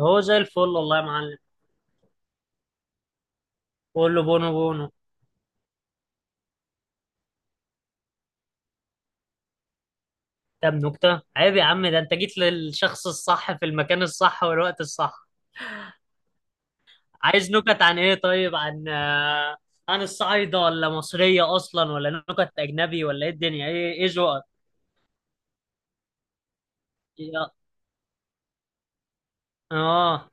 هو زي الفل والله يا معلم. بقول له بونو بونو. طب نكتة عيب يا عم، ده انت جيت للشخص الصح في المكان الصح والوقت الصح. عايز نكت عن ايه؟ طيب عن عن الصعايدة ولا مصرية اصلا ولا نكت اجنبي ولا ايه الدنيا؟ ايه ذوقك؟ يا- اه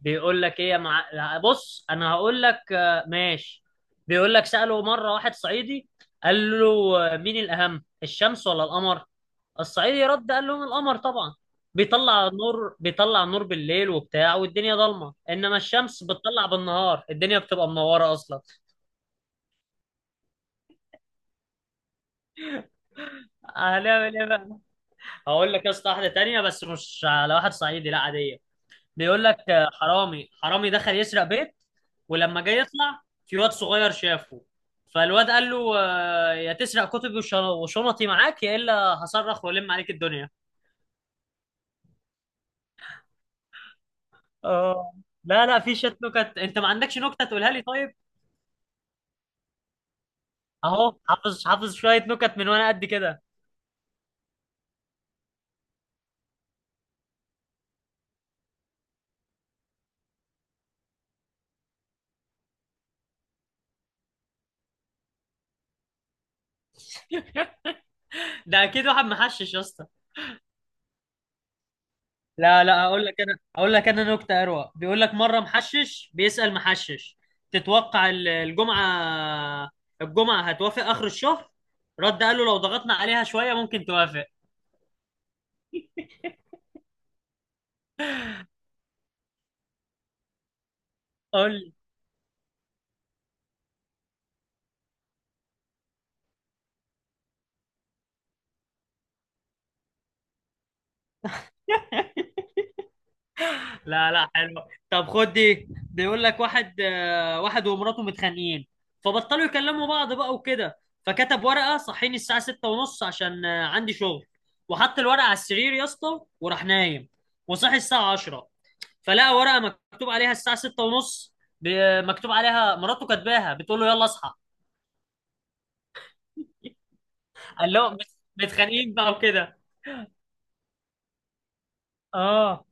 بيقول لك ايه يا مع... لا، بص انا هقول لك، ماشي. بيقول لك: سأله مرة واحد صعيدي، قال له مين الأهم، الشمس ولا القمر؟ الصعيدي رد قال لهم: القمر طبعا، بيطلع نور، بالليل وبتاع، والدنيا ضلمه، انما الشمس بتطلع بالنهار، الدنيا بتبقى منوره اصلا. هنعمل ايه بقى. هقول لك يا اسطى واحده تانيه، بس مش على واحد صعيدي، لا عاديه. بيقول لك: حرامي دخل يسرق بيت، ولما جاي يطلع، في واد صغير شافه. فالواد قال له: يا تسرق كتبي وشنطي معاك يا الا هصرخ والم عليك الدنيا. اه، لا لا، في شت نكت، انت ما عندكش نكته تقولها لي طيب؟ اهو، حافظ شويه نكت من وانا قد كده. ده اكيد واحد محشش يا اسطى. لا لا، اقول لك انا نكته اروق. بيقول لك مره محشش بيسأل محشش: تتوقع الجمعه، هتوافق اخر الشهر؟ رد قال له: لو ضغطنا عليها شويه ممكن توافق. قول. لا لا، حلو. طب خد دي، بيقول لك واحد، واحد ومراته متخانقين، فبطلوا يكلموا بعض بقى وكده، فكتب ورقة: صحيني الساعة ستة ونص عشان عندي شغل. وحط الورقة على السرير يا اسطى وراح نايم، وصحي الساعة عشرة، فلقى ورقة مكتوب عليها: الساعة ستة ونص، مكتوب عليها مراته كاتباها بتقول له يلا اصحى. قال له: متخانقين بقى وكده. اه.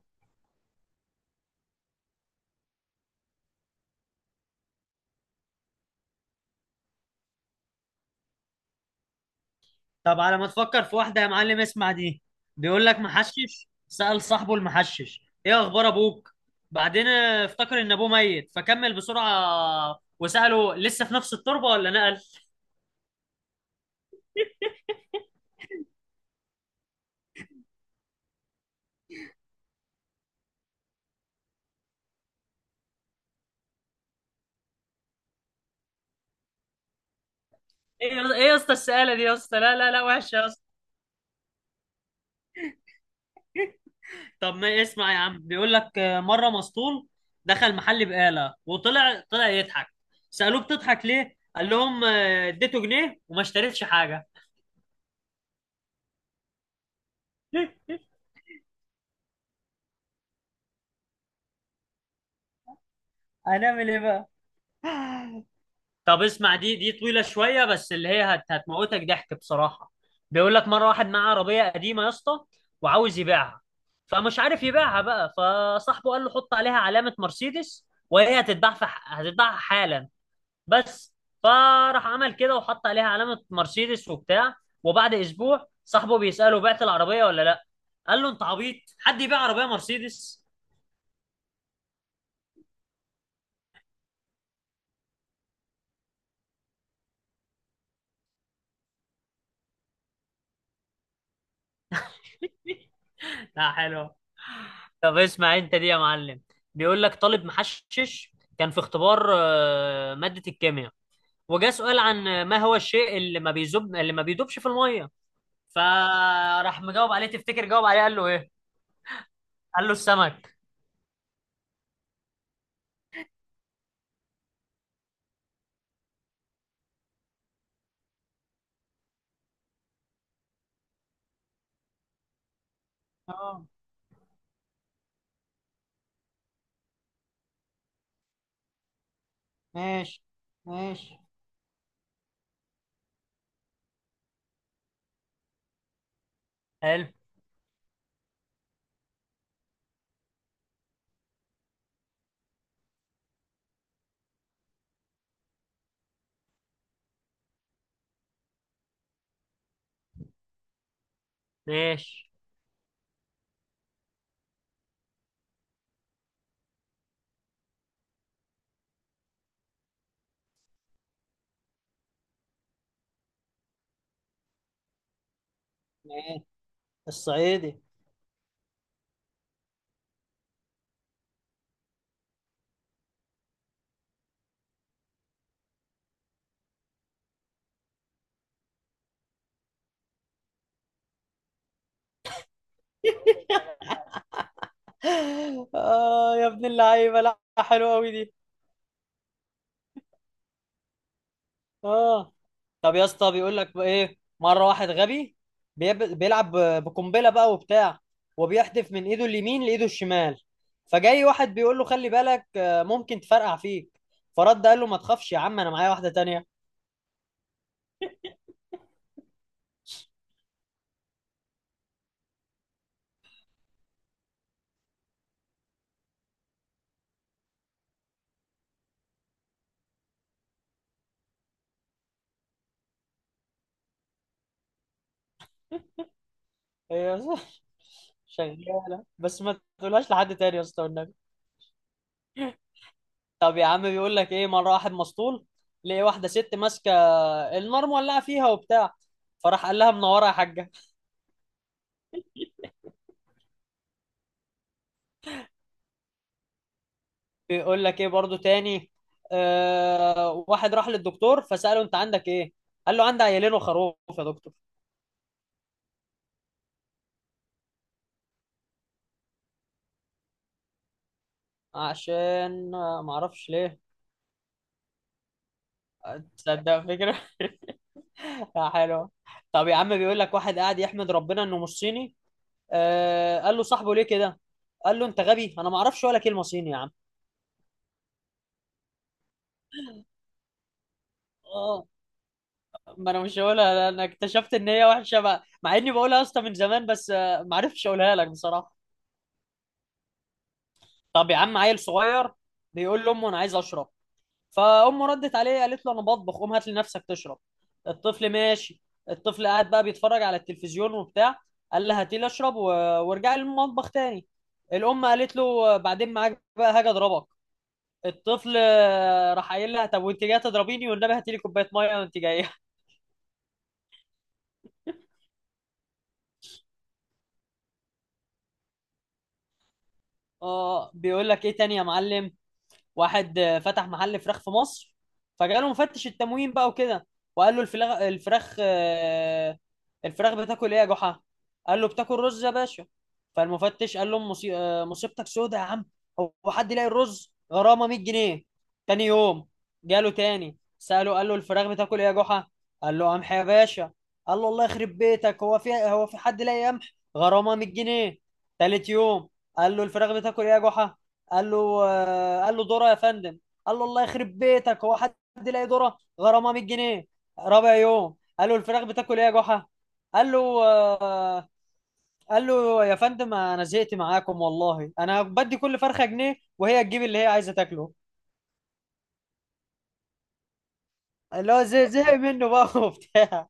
طب على ما تفكر في واحدة يا معلم، اسمع دي. بيقول لك محشش سأل صاحبه المحشش: ايه اخبار ابوك؟ بعدين افتكر ان ابوه ميت، فكمل بسرعة وسأله: لسه في نفس التربة ولا نقل؟ ايه ايه يا اسطى السؤالة دي يا اسطى، لا لا لا، وحشة يا اسطى. طب ما اسمع يا عم. بيقول لك، مرة مسطول دخل محل بقالة، طلع يضحك. سألوه: بتضحك ليه؟ قال لهم: اديته جنيه وما اشتريتش حاجة. هنعمل ايه بقى. طب اسمع دي، طويلة شوية، بس اللي هي هتموتك ضحك بصراحة. بيقول لك مرة واحد معاه عربية قديمة يا اسطى، وعاوز يبيعها، فمش عارف يبيعها بقى. فصاحبه قال له: حط عليها علامة مرسيدس وهي هتتباع في هتتباع حالا، بس. فراح عمل كده وحط عليها علامة مرسيدس وبتاع، وبعد أسبوع صاحبه بيسأله: بعت العربية ولا لأ؟ قال له: أنت عبيط، حد يبيع عربية مرسيدس؟ لا حلو. طب اسمع انت دي يا معلم. بيقول لك طالب محشش كان في اختبار مادة الكيمياء، وجا سؤال عن ما هو الشيء اللي ما بيذوب، اللي ما بيدوبش في المية. فراح مجاوب عليه. تفتكر جاوب عليه قال له ايه؟ قال له: السمك. اه، ماشي ماشي، حلو. ماشي ماشي، الصعيدي. اه يا ابن اللعيبه، لا حلوه قوي دي. اه. طب يا اسطى بيقول لك بقى ايه، مره واحد غبي بيلعب بقنبله بقى وبتاع، وبيحدف من ايده اليمين لايده الشمال. فجاي واحد بيقول له: خلي بالك، ممكن تفرقع فيك. فرد قال له: ما تخافش يا عم، انا معايا واحده تانية. هي شغاله، بس ما تقولهاش لحد تاني يا اسطى والنبي. طب يا عم بيقول لك ايه، مره واحد مسطول لقي واحده ست ماسكه النار مولعه فيها وبتاع، فراح قال لها: منوره يا حاجه. بيقول لك ايه برضو تاني. آه، واحد راح للدكتور، فسأله: انت عندك ايه؟ قال له: عندي عيالين وخروف يا دكتور. عشان معرفش ليه. تصدق فكرة. يا حلوة. طب يا عم بيقول لك واحد قاعد يحمد ربنا انه مش صيني. آه، قال له صاحبه: ليه كده؟ قال له: انت غبي، انا معرفش ولا كلمة صيني يا عم. اه، ما انا مش هقولها، انا اكتشفت ان هي وحشة بقى، مع اني بقولها يا اسطى من زمان، بس معرفتش اقولها لك بصراحة. طب يا عم، عيل صغير بيقول لامه: انا عايز اشرب. فامه ردت عليه قالت له: انا بطبخ، قوم هات لنفسك تشرب. الطفل ماشي. الطفل قاعد بقى بيتفرج على التلفزيون وبتاع، قال لها: هاتي لي اشرب وارجع لي المطبخ تاني. الام قالت له: بعدين معاك بقى، هاجي اضربك. الطفل راح قايل لها: طب وانت جايه تضربيني والنبي هاتي لي كوبايه ميه وانت جايه. اه، بيقول لك ايه تاني يا معلم. واحد فتح محل فراخ في مصر، فجاله مفتش التموين بقى وكده، وقال له: الفراخ، الفراخ بتاكل ايه يا جحا؟ قال له: بتاكل رز يا باشا. فالمفتش قال له: مصيبتك سودة يا عم، هو حد يلاقي الرز؟ غرامة 100 جنيه. تاني يوم جاله تاني سأله قال له: الفراخ بتاكل ايه يا جحا؟ قال له: قمح يا باشا. قال له: الله يخرب بيتك، هو في حد لاقي قمح؟ غرامة 100 جنيه. تالت يوم قال له: الفراخ بتاكل ايه يا جحا؟ قال له، قال له: ذره يا فندم. قال له: الله يخرب بيتك، هو حد يلاقي ذره؟ غرامه 100 جنيه. رابع يوم قال له: الفراخ بتاكل ايه يا جحا؟ قال له، آه، قال له: يا فندم انا زهقت معاكم والله، انا بدي كل فرخه جنيه وهي تجيب اللي هي عايزه تاكله. اللي هو زي زهق منه بقى وبتاع.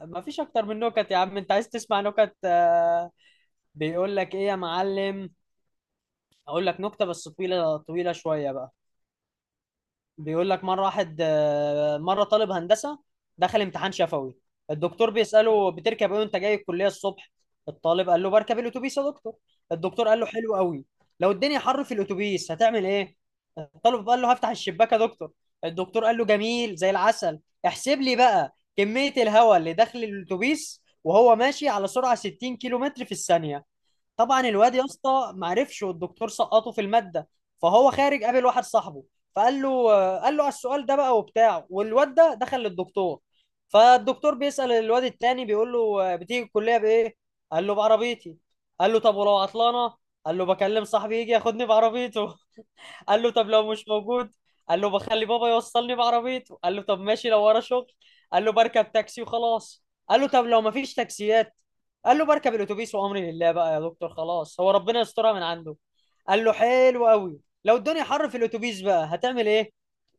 ما فيش اكتر من نكت يا عم، انت عايز تسمع نكت؟ بيقول لك ايه يا معلم، اقول لك نكته بس طويله شويه بقى. بيقول لك مرة واحد، آه، مرة طالب هندسة دخل امتحان شفوي. الدكتور بيسأله: بتركب ايه وانت جاي الكلية الصبح؟ الطالب قال له: بركب الاتوبيس يا دكتور. الدكتور قال له: حلو قوي، لو الدنيا حر في الاتوبيس هتعمل ايه؟ الطالب قال له: هفتح الشباك يا دكتور. الدكتور قال له: جميل زي العسل، احسب لي بقى كمية الهواء اللي داخل الاتوبيس وهو ماشي على سرعة 60 كيلو متر في الثانية. طبعا الواد يا اسطى ما عرفش، والدكتور سقطه في الماده. فهو خارج قابل واحد صاحبه، فقال له، قال له على السؤال ده بقى وبتاع، والواد ده دخل للدكتور. فالدكتور بيسأل الواد التاني بيقول له: بتيجي الكليه بايه؟ قال له: بعربيتي. قال له: طب ولو عطلانه؟ قال له: بكلم صاحبي يجي ياخدني بعربيته. قال له: طب لو مش موجود؟ قال له: بخلي بابا يوصلني بعربيته. قال له: طب ماشي، لو ورا شغل؟ قال له: بركب تاكسي وخلاص. قال له: طب لو مفيش تاكسيات؟ قال له: بركب الاتوبيس وامري لله بقى يا دكتور، خلاص هو ربنا يسترها من عنده. قال له: حلو قوي، لو الدنيا حر في الاتوبيس بقى هتعمل ايه؟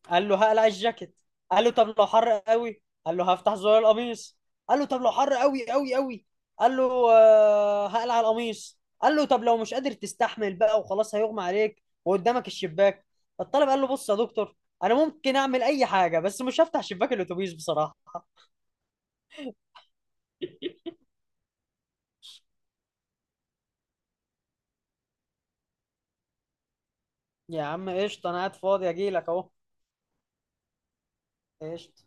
قال له: هقلع الجاكيت. قال له: طب لو حر قوي؟ قال له: هفتح زرار القميص. قال له: طب لو حر قوي قوي قوي؟ قال له: هقلع القميص. قال له: طب لو مش قادر تستحمل بقى وخلاص هيغمى عليك وقدامك الشباك؟ الطالب قال له: بص يا دكتور، انا ممكن اعمل اي حاجه، بس مش هفتح شباك الاتوبيس بصراحه. يا عم قشطه، انا قاعد فاضي اجي لك اهو. قشطه.